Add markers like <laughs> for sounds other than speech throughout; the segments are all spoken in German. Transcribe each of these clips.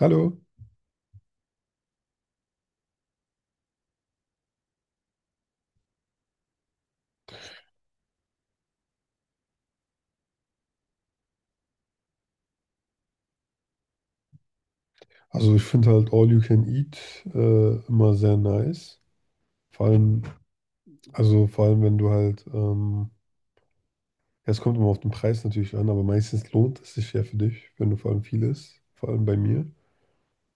Hallo. Also ich finde halt All You Can Eat immer sehr nice. Vor allem, also vor allem, wenn du halt, ja, es kommt immer auf den Preis natürlich an, aber meistens lohnt es sich ja für dich, wenn du vor allem viel isst, vor allem bei mir.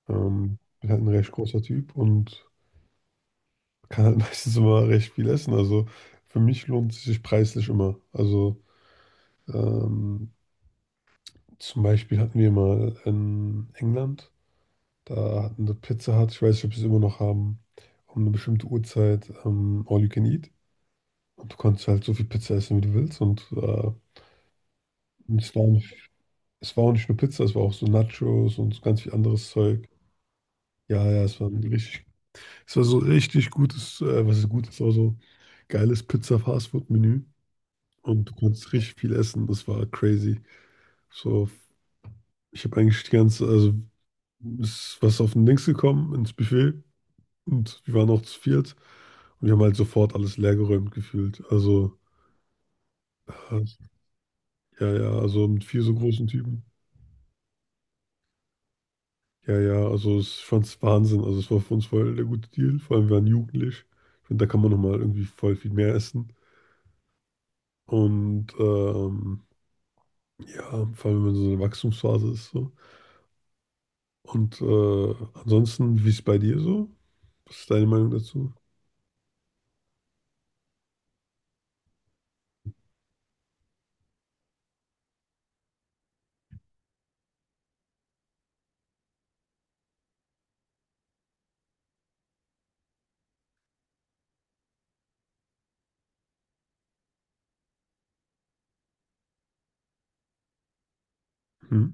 Bin halt ein recht großer Typ und kann halt <laughs> meistens immer recht viel essen. Also für mich lohnt es sich preislich immer. Also ähm, zum Beispiel hatten wir mal in England. Da hatten wir Pizza Hut, ich weiß nicht, ob sie es immer noch haben, um eine bestimmte Uhrzeit All You Can Eat. Und du konntest halt so viel Pizza essen, wie du willst. Und es war nicht, es war auch nicht nur Pizza, es war auch so Nachos und so ganz viel anderes Zeug. Ja, ja, es war so richtig gutes, was ist gut es war so geiles Pizza-Fastfood-Menü. Und du konntest richtig viel essen, das war crazy. So, ich habe eigentlich die ganze, also ist was auf den Links gekommen, ins Buffet. Und wir waren auch zu viert und wir haben halt sofort alles leergeräumt gefühlt. Also, äh, ja, ja, also mit vier so großen Typen. Ja, ja, also es fand es Wahnsinn. Also es war für uns voll der gute Deal. Vor allem wir waren jugendlich. Ich finde, da kann man nochmal irgendwie voll viel mehr essen. Und ja, vor allem wenn man so in der Wachstumsphase ist. So. Und ansonsten, wie ist es bei dir so? Was ist deine Meinung dazu? Hm,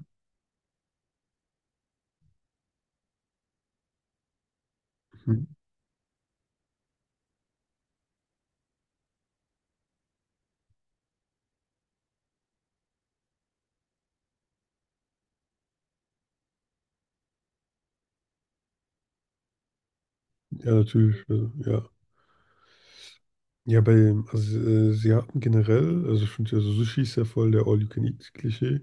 hm, ja, natürlich. Ja, ja, bei, also Asiaten generell, also ich finde ja, so Sushi ist ja voll der All-You-Can-Eat-Klischee.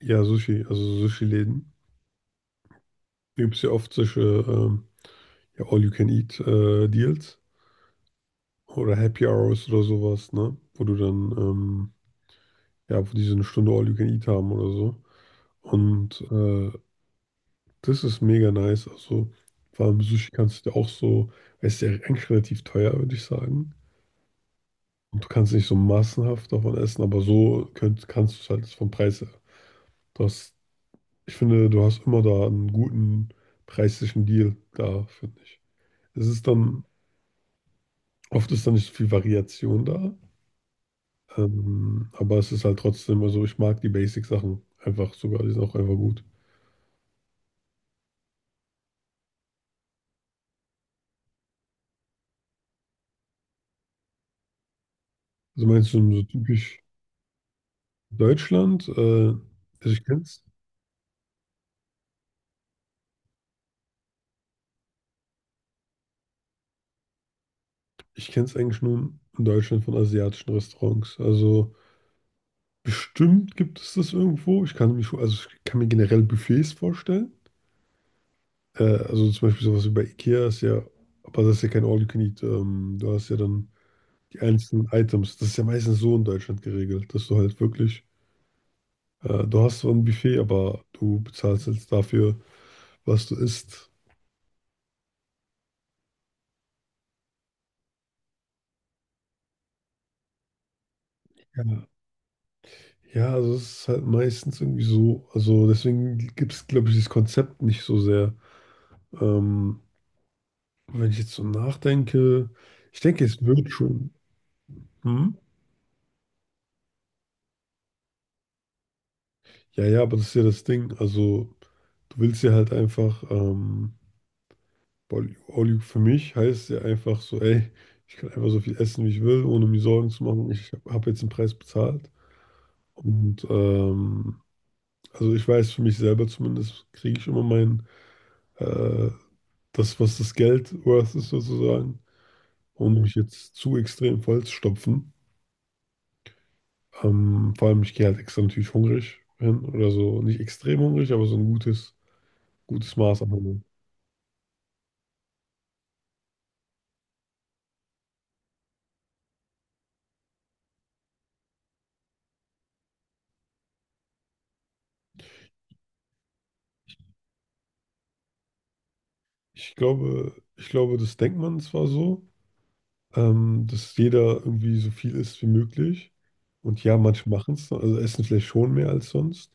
Ja, Sushi, also Sushi-Läden. Da gibt es ja oft solche ja, All-You-Can-Eat-Deals oder Happy Hours oder sowas, ne? Wo du dann, ja, wo die so eine Stunde All-You-Can-Eat haben oder so. Und das ist mega nice. Also vor allem Sushi kannst du ja auch so, es ist ja eigentlich relativ teuer, würde ich sagen. Und du kannst nicht so massenhaft davon essen, aber so kannst du es halt vom Preis her. Du hast Ich finde, du hast immer da einen guten preislichen Deal da, finde ich. Es ist dann, oft ist dann nicht so viel Variation da, aber es ist halt trotzdem, also ich mag die Basic-Sachen einfach sogar, die sind auch einfach gut. Also meinst du so typisch Deutschland? Also ich kenn's, ich kenn's eigentlich nur in Deutschland von asiatischen Restaurants. Also bestimmt gibt es das irgendwo. Also ich kann mir generell Buffets vorstellen. Also zum Beispiel sowas wie bei IKEA ist ja, aber das ist ja kein All-You-Can-Eat. Du hast ja dann die einzelnen Items. Das ist ja meistens so in Deutschland geregelt, dass du halt wirklich, du hast so ein Buffet, aber du bezahlst jetzt dafür, was du isst. Ja. Ja, also es ist halt meistens irgendwie so. Also deswegen gibt es, glaube ich, dieses Konzept nicht so sehr. Ähm, Wenn ich jetzt so nachdenke, ich denke, es wird schon. Hm? Ja, ja, aber das ist ja das Ding. Also du willst ja halt einfach. All you für mich heißt ja einfach so, ey, ich kann einfach so viel essen, wie ich will, ohne mir Sorgen zu machen. Ich habe jetzt den Preis bezahlt. Und also ich weiß für mich selber zumindest, kriege ich immer äh, das, was das Geld worth ist sozusagen, ohne mich jetzt zu extrem voll zu stopfen. Vor allem, ich gehe halt extra natürlich hungrig hin oder so, nicht extrem hungrig, aber so ein gutes, gutes Maß an Hunger. Ich glaube, das denkt man zwar so, dass jeder irgendwie so viel isst wie möglich. Und ja, manche machen es, also essen vielleicht schon mehr als sonst.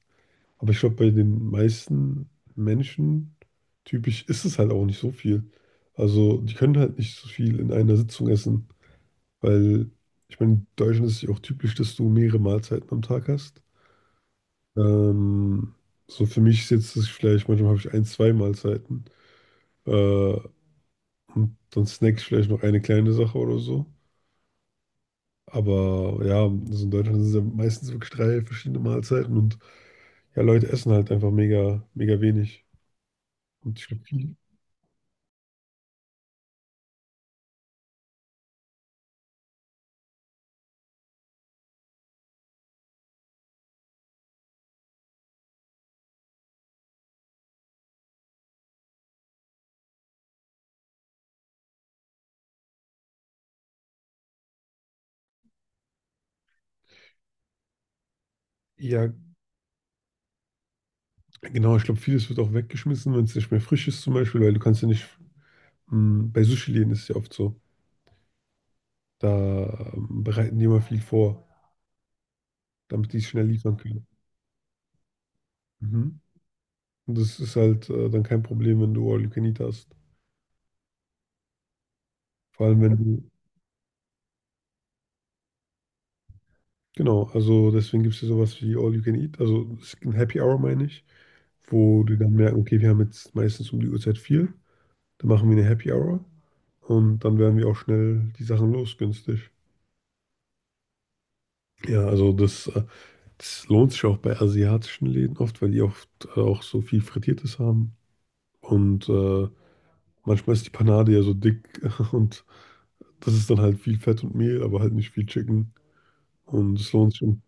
Aber ich glaube, bei den meisten Menschen typisch ist es halt auch nicht so viel. Also die können halt nicht so viel in einer Sitzung essen, weil ich meine, in Deutschland ist es ja auch typisch, dass du mehrere Mahlzeiten am Tag hast. Ähm, so für mich ist jetzt das vielleicht, manchmal habe ich ein, zwei Mahlzeiten. Äh, und dann snack ich vielleicht noch eine kleine Sache oder so. Aber ja, also in Deutschland sind es ja meistens wirklich drei verschiedene Mahlzeiten und ja, Leute essen halt einfach mega, mega wenig. Und ja, genau, ich glaube, vieles wird auch weggeschmissen, wenn es nicht mehr frisch ist zum Beispiel, weil du kannst ja nicht, mh, bei Sushi-Läden ist es ja oft so, da bereiten die immer viel vor, damit die es schnell liefern können. Mhm. Und das ist halt dann kein Problem, wenn du All You Can Eat hast. Vor allem, wenn du, genau, also deswegen gibt es ja sowas wie All You Can Eat, also es gibt ein Happy Hour, meine ich. Wo die dann merken, okay, wir haben jetzt meistens um die Uhrzeit viel, dann machen wir eine Happy Hour und dann werden wir auch schnell die Sachen los, günstig. Ja, also das lohnt sich auch bei asiatischen Läden oft, weil die oft auch so viel Frittiertes haben und manchmal ist die Panade ja so dick <laughs> und das ist dann halt viel Fett und Mehl, aber halt nicht viel Chicken. Und es lohnt sich. Und,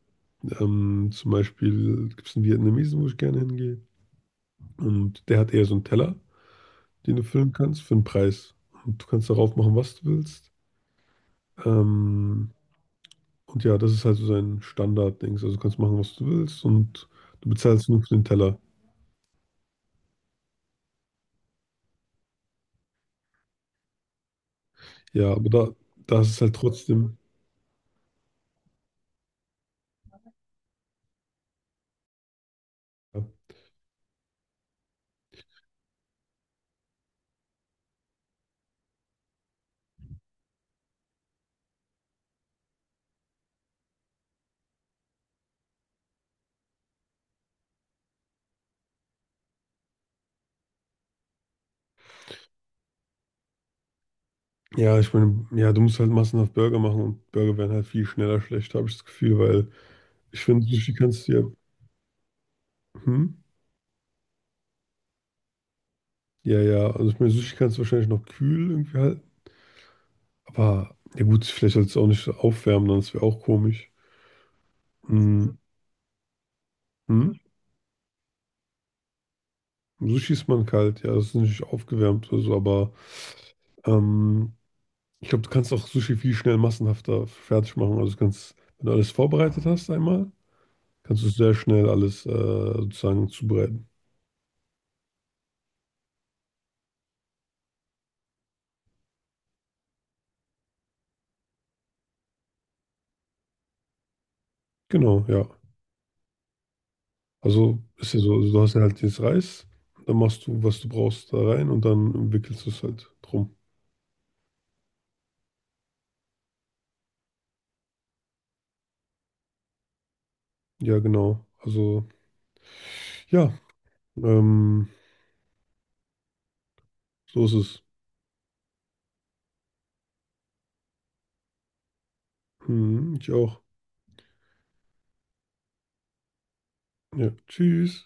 Zum Beispiel gibt es einen Vietnamesen, wo ich gerne hingehe. Und der hat eher so einen Teller, den du füllen kannst für einen Preis. Und du kannst darauf machen, was du willst. Ähm, und ja, das ist halt so sein Standard-Dings. Also du kannst machen, was du willst und du bezahlst nur für den Teller. Ja, aber da, da ist es halt trotzdem. Ja, ich meine, ja, du musst halt massenhaft Burger machen und Burger werden halt viel schneller schlecht, habe ich das Gefühl, weil ich finde, Sushi kannst du ja, hm? Ja, ja, also ich meine, Sushi kannst du wahrscheinlich noch kühl irgendwie halten, aber ja gut, vielleicht sollst du es auch nicht aufwärmen, dann ist wäre auch komisch. Hm. Hm? So schießt man kalt, ja, das ist nicht aufgewärmt oder so, aber ähm, ich glaube, du kannst auch Sushi viel schnell massenhafter fertig machen. Also du kannst, wenn du alles vorbereitet hast einmal, kannst du sehr schnell alles sozusagen zubereiten. Genau, ja. Also ist ja so, also du hast ja halt jetzt Reis, dann machst du, was du brauchst, da rein und dann wickelst du es halt drum. Ja, genau. Also, ja, ähm, so ist es. Hm, ich auch. Ja, tschüss.